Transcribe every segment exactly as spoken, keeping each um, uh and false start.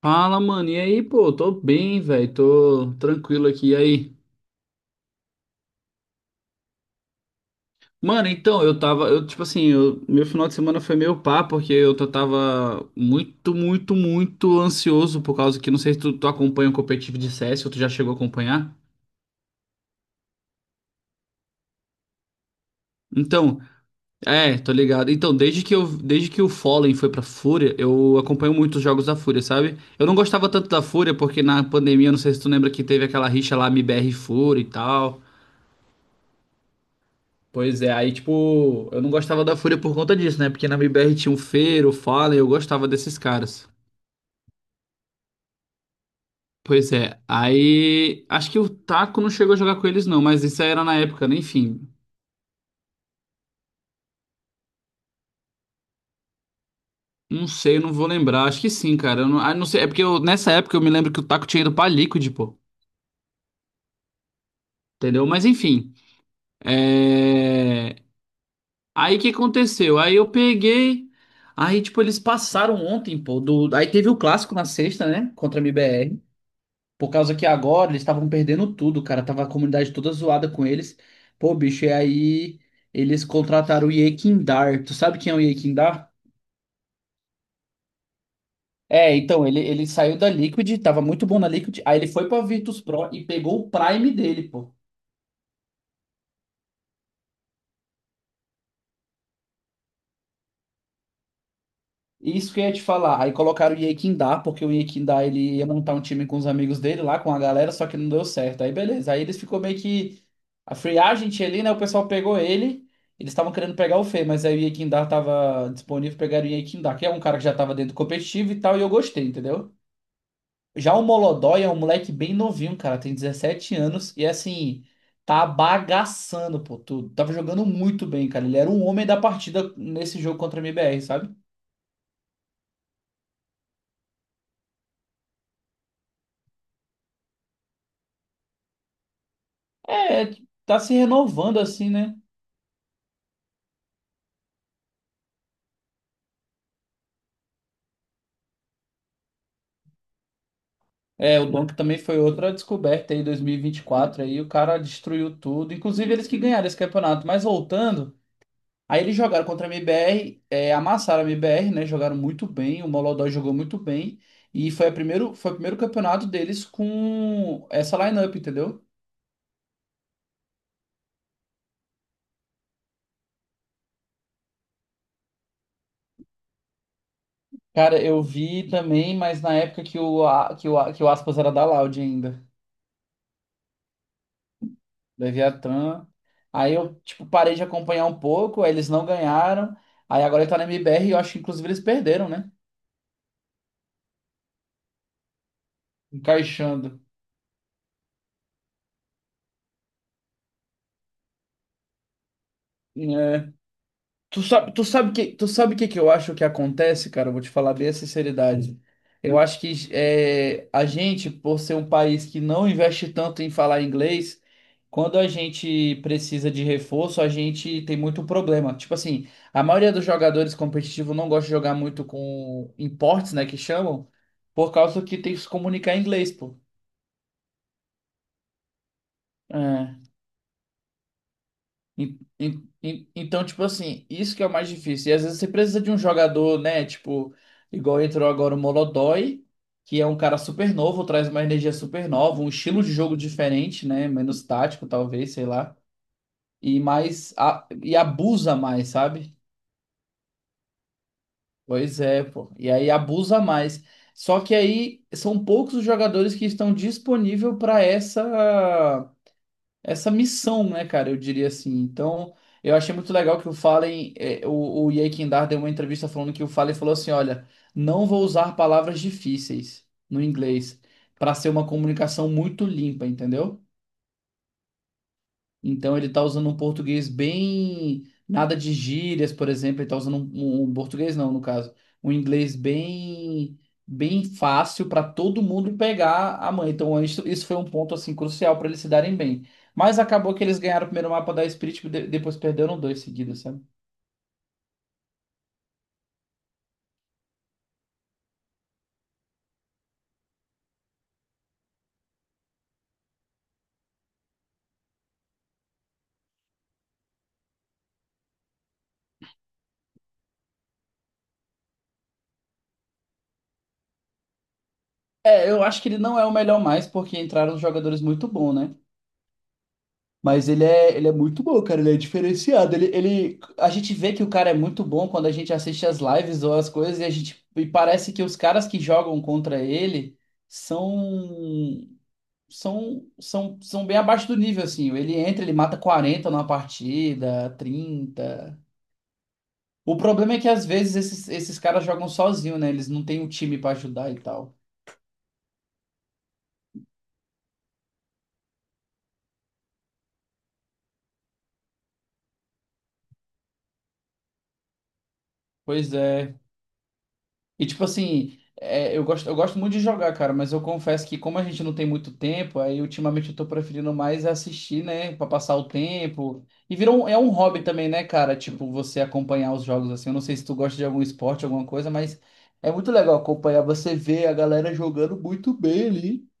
Fala, mano. E aí, pô, tô bem, velho. Tô tranquilo aqui. E aí? Mano, então, eu tava, eu tipo assim, eu- meu final de semana foi meio pá, porque eu tô- tava muito, muito, muito ansioso por causa que não sei se tu, tu acompanha o competitivo de C S ou tu já chegou a acompanhar. Então, é, tô ligado. Então, desde que eu, desde que o Fallen foi pra Fúria, eu acompanho muito os jogos da Fúria, sabe? Eu não gostava tanto da Fúria porque na pandemia, não sei se tu lembra que teve aquela rixa lá, M B R e Fúria e tal. Pois é, aí tipo, eu não gostava da Fúria por conta disso, né? Porque na M B R tinha o Feiro, o Fallen, eu gostava desses caras. Pois é, aí acho que o Taco não chegou a jogar com eles não, mas isso aí era na época, né? Enfim, não sei, eu não vou lembrar, acho que sim, cara. Eu não, ah, não sei, é porque eu- nessa época eu me lembro que o Taco tinha ido pra Liquid, pô, entendeu? Mas enfim, é... aí o que aconteceu? Aí eu peguei, aí tipo, eles passaram ontem, pô, do... aí teve o clássico na sexta, né? Contra a M B R. Por causa que agora eles estavam perdendo tudo, cara. Tava a comunidade toda zoada com eles. Pô, bicho, e aí eles contrataram o Yekindar. Tu sabe quem é o Yekindar? É, então, ele, ele saiu da Liquid, tava muito bom na Liquid. Aí ele foi pra Virtus Pro e pegou o Prime dele, pô. Isso que eu ia te falar. Aí colocaram o Yekindá, porque o Yekindá ele ia montar um time com os amigos dele lá, com a galera, só que não deu certo. Aí beleza. Aí eles ficou meio que a free agent ali, né? O pessoal pegou ele. Eles estavam querendo pegar o Fê, mas aí o Yekindá tava disponível, pegaram o Yekindá, que é um cara que já tava dentro do competitivo e tal, e eu gostei, entendeu? Já o Molodói é um moleque bem novinho, cara, tem dezessete anos e assim, tá bagaçando, pô, tudo. Tava jogando muito bem, cara. Ele era um homem da partida nesse jogo contra a M B R, sabe? É, tá se renovando assim, né? É, o Donk também foi outra descoberta aí, dois mil e vinte e quatro, aí o cara destruiu tudo, inclusive eles que ganharam esse campeonato. Mas voltando, aí eles jogaram contra a M B R, é, amassaram a M B R, né? Jogaram muito bem, o Molodói jogou muito bem, e foi, a primeiro, foi o primeiro campeonato deles com essa lineup, entendeu? Cara, eu vi também, mas na época que o, A- que o, A- que o Aspas era da Loud ainda. Leviatã. Aí eu, tipo, parei de acompanhar um pouco, aí eles não ganharam. Aí agora ele tá na M B R e eu acho que inclusive eles perderam, né? Encaixando. É. Tu sabe, tu sabe que, tu sabe o que que eu acho que acontece, cara? Eu vou te falar bem a sinceridade. Eu acho que é, a gente, por ser um país que não investe tanto em falar inglês, quando a gente precisa de reforço, a gente tem muito problema. Tipo assim, a maioria dos jogadores competitivos não gosta de jogar muito com imports, né, que chamam, por causa que tem que se comunicar em inglês, pô. É. En- en- en- Então, tipo assim, isso que é o mais difícil. E às vezes você precisa de um jogador, né? Tipo, igual entrou agora o Molodói, que é um cara super novo, traz uma energia super nova, um estilo de jogo diferente, né? Menos tático, talvez, sei lá. E mais. a- e abusa mais, sabe? Pois é, pô. E aí abusa mais. Só que aí são poucos os jogadores que estão disponíveis para essa. essa missão, né, cara? Eu diria assim. Então, eu achei muito legal que o Fallen, é, o, o Ye Kindar deu uma entrevista falando que o Fallen falou assim: olha, não vou usar palavras difíceis no inglês para ser uma comunicação muito limpa, entendeu? Então ele tá usando um português bem. Nada de gírias, por exemplo. Ele tá usando um, um um português, não, no caso. Um inglês bem. Bem fácil para todo mundo pegar a mãe. Então, isso, isso foi um ponto assim crucial para eles se darem bem. Mas acabou que eles ganharam o primeiro mapa da Spirit e de- depois perderam dois seguidos, sabe? É, eu acho que ele não é o melhor mais porque entraram jogadores muito bons, né? Mas ele é, ele é muito bom, cara. Ele é diferenciado. Ele, ele, a gente vê que o cara é muito bom quando a gente assiste as lives ou as coisas e a gente e parece que os caras que jogam contra ele são são são, são bem abaixo do nível assim. Ele entra, ele mata quarenta numa partida, trinta. O problema é que às vezes esses, esses caras jogam sozinho, né? Eles não têm um time pra ajudar e tal. Pois é. E tipo assim, é, eu gosto, eu gosto muito de jogar, cara, mas eu confesso que como a gente não tem muito tempo, aí ultimamente eu tô preferindo mais assistir, né, pra passar o tempo. E virou um, é um hobby também, né, cara? Tipo, você acompanhar os jogos assim. Eu não sei se tu gosta de algum esporte, alguma coisa, mas é muito legal acompanhar você ver a galera jogando muito bem ali.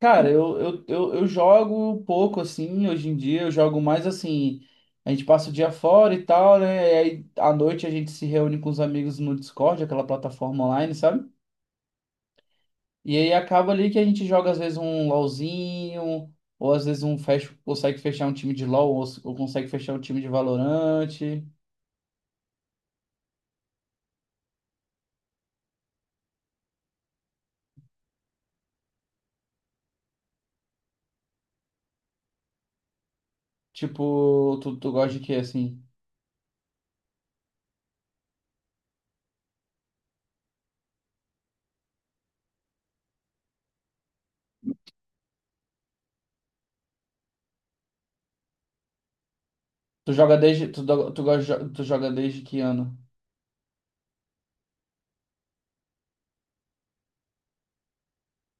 Cara, eu, eu, eu, eu jogo pouco assim, hoje em dia eu jogo mais assim, a gente passa o dia fora e tal, né? E aí à noite a gente se reúne com os amigos no Discord, aquela plataforma online, sabe? E aí acaba ali que a gente joga às vezes um LoLzinho, ou às vezes um fecha, consegue fechar um time de LoL, ou, ou consegue fechar um time de Valorante. Tipo, tu, tu gosta de quê assim? Tu joga desde, tu, do- tu, gosta de jo- tu joga desde que ano?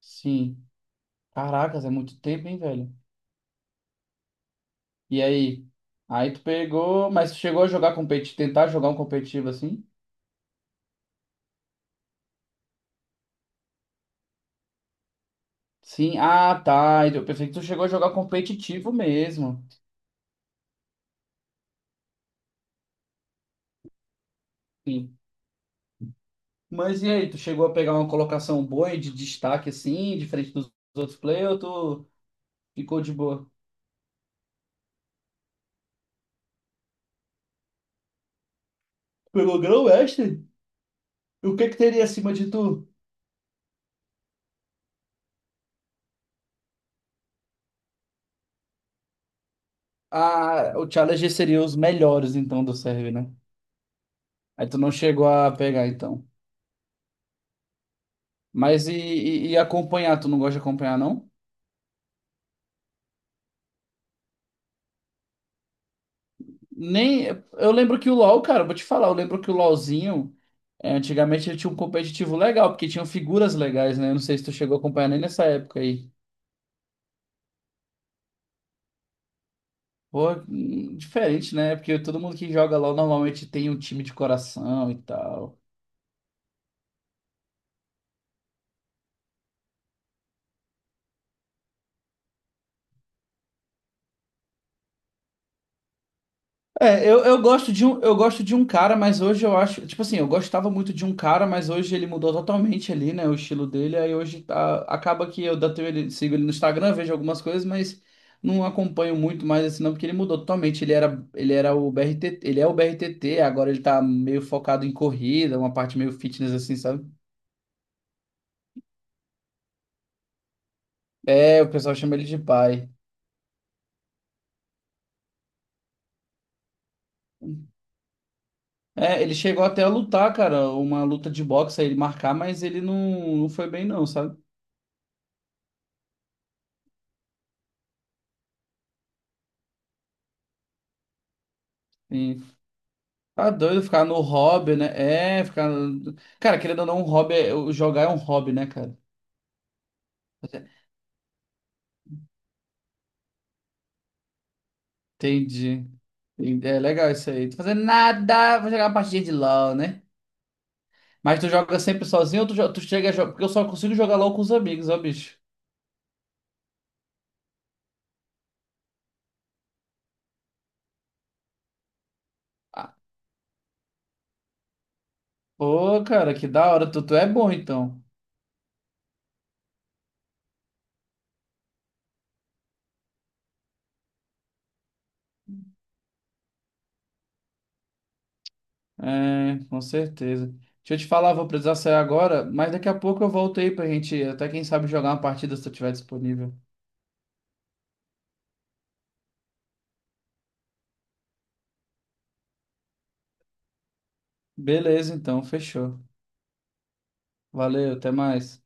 Sim. Caracas, é muito tempo, hein, velho? E aí? Aí tu pegou, mas tu chegou a jogar competitivo, tentar jogar um competitivo assim? Sim, ah tá, então, eu pensei que tu chegou a jogar competitivo mesmo. Sim. Mas e aí, tu chegou a pegar uma colocação boa e de destaque assim, diferente dos outros players, ou tu ficou de boa? Pegou grão mestre? E o que que teria acima de tu? Ah, o Challenger seria os melhores então do server, né? Aí tu não chegou a pegar então. Mas e, e, e acompanhar, tu não gosta de acompanhar não? Nem. Eu lembro que o LoL, cara, eu vou te falar, eu lembro que o LoLzinho, é, antigamente ele tinha um competitivo legal, porque tinham figuras legais, né? Eu não sei se tu chegou a acompanhar nem nessa época aí. Pô, hum, diferente, né? Porque todo mundo que joga LoL normalmente tem um time de coração e tal. É, eu, eu gosto de um, eu gosto de um cara, mas hoje eu acho, tipo assim, eu gostava muito de um cara, mas hoje ele mudou totalmente ali, né, o estilo dele, aí hoje tá- acaba que eu datei ele, sigo ele no Instagram, vejo algumas coisas, mas não acompanho muito mais assim não, porque ele mudou totalmente, ele era, ele era o B R T T, ele é o B R T T, agora ele tá meio focado em corrida, uma parte meio fitness assim, sabe? É, o pessoal chama ele de pai. É, ele chegou até a lutar, cara, uma luta de boxe, aí ele marcar, mas ele não, não foi bem não, sabe? Tá doido ficar no hobby, né? É, ficar. No- Cara, querendo ou não, um hobby é... o jogar é um hobby, né, cara? Entendi. Entendi. É legal isso aí. Tô fazendo nada, vou jogar uma partidinha de LOL, né? Mas tu joga sempre sozinho ou tu, jo- tu chega a jogar? Porque eu só consigo jogar LOL com os amigos, ó, bicho. Ah, pô, cara, que da hora. Tu, tu é bom, então. É, com certeza. Deixa eu te falar, vou precisar sair agora, mas daqui a pouco eu volto aí pra gente, até quem sabe, jogar uma partida se tu tiver disponível. Beleza, então, fechou. Valeu, até mais.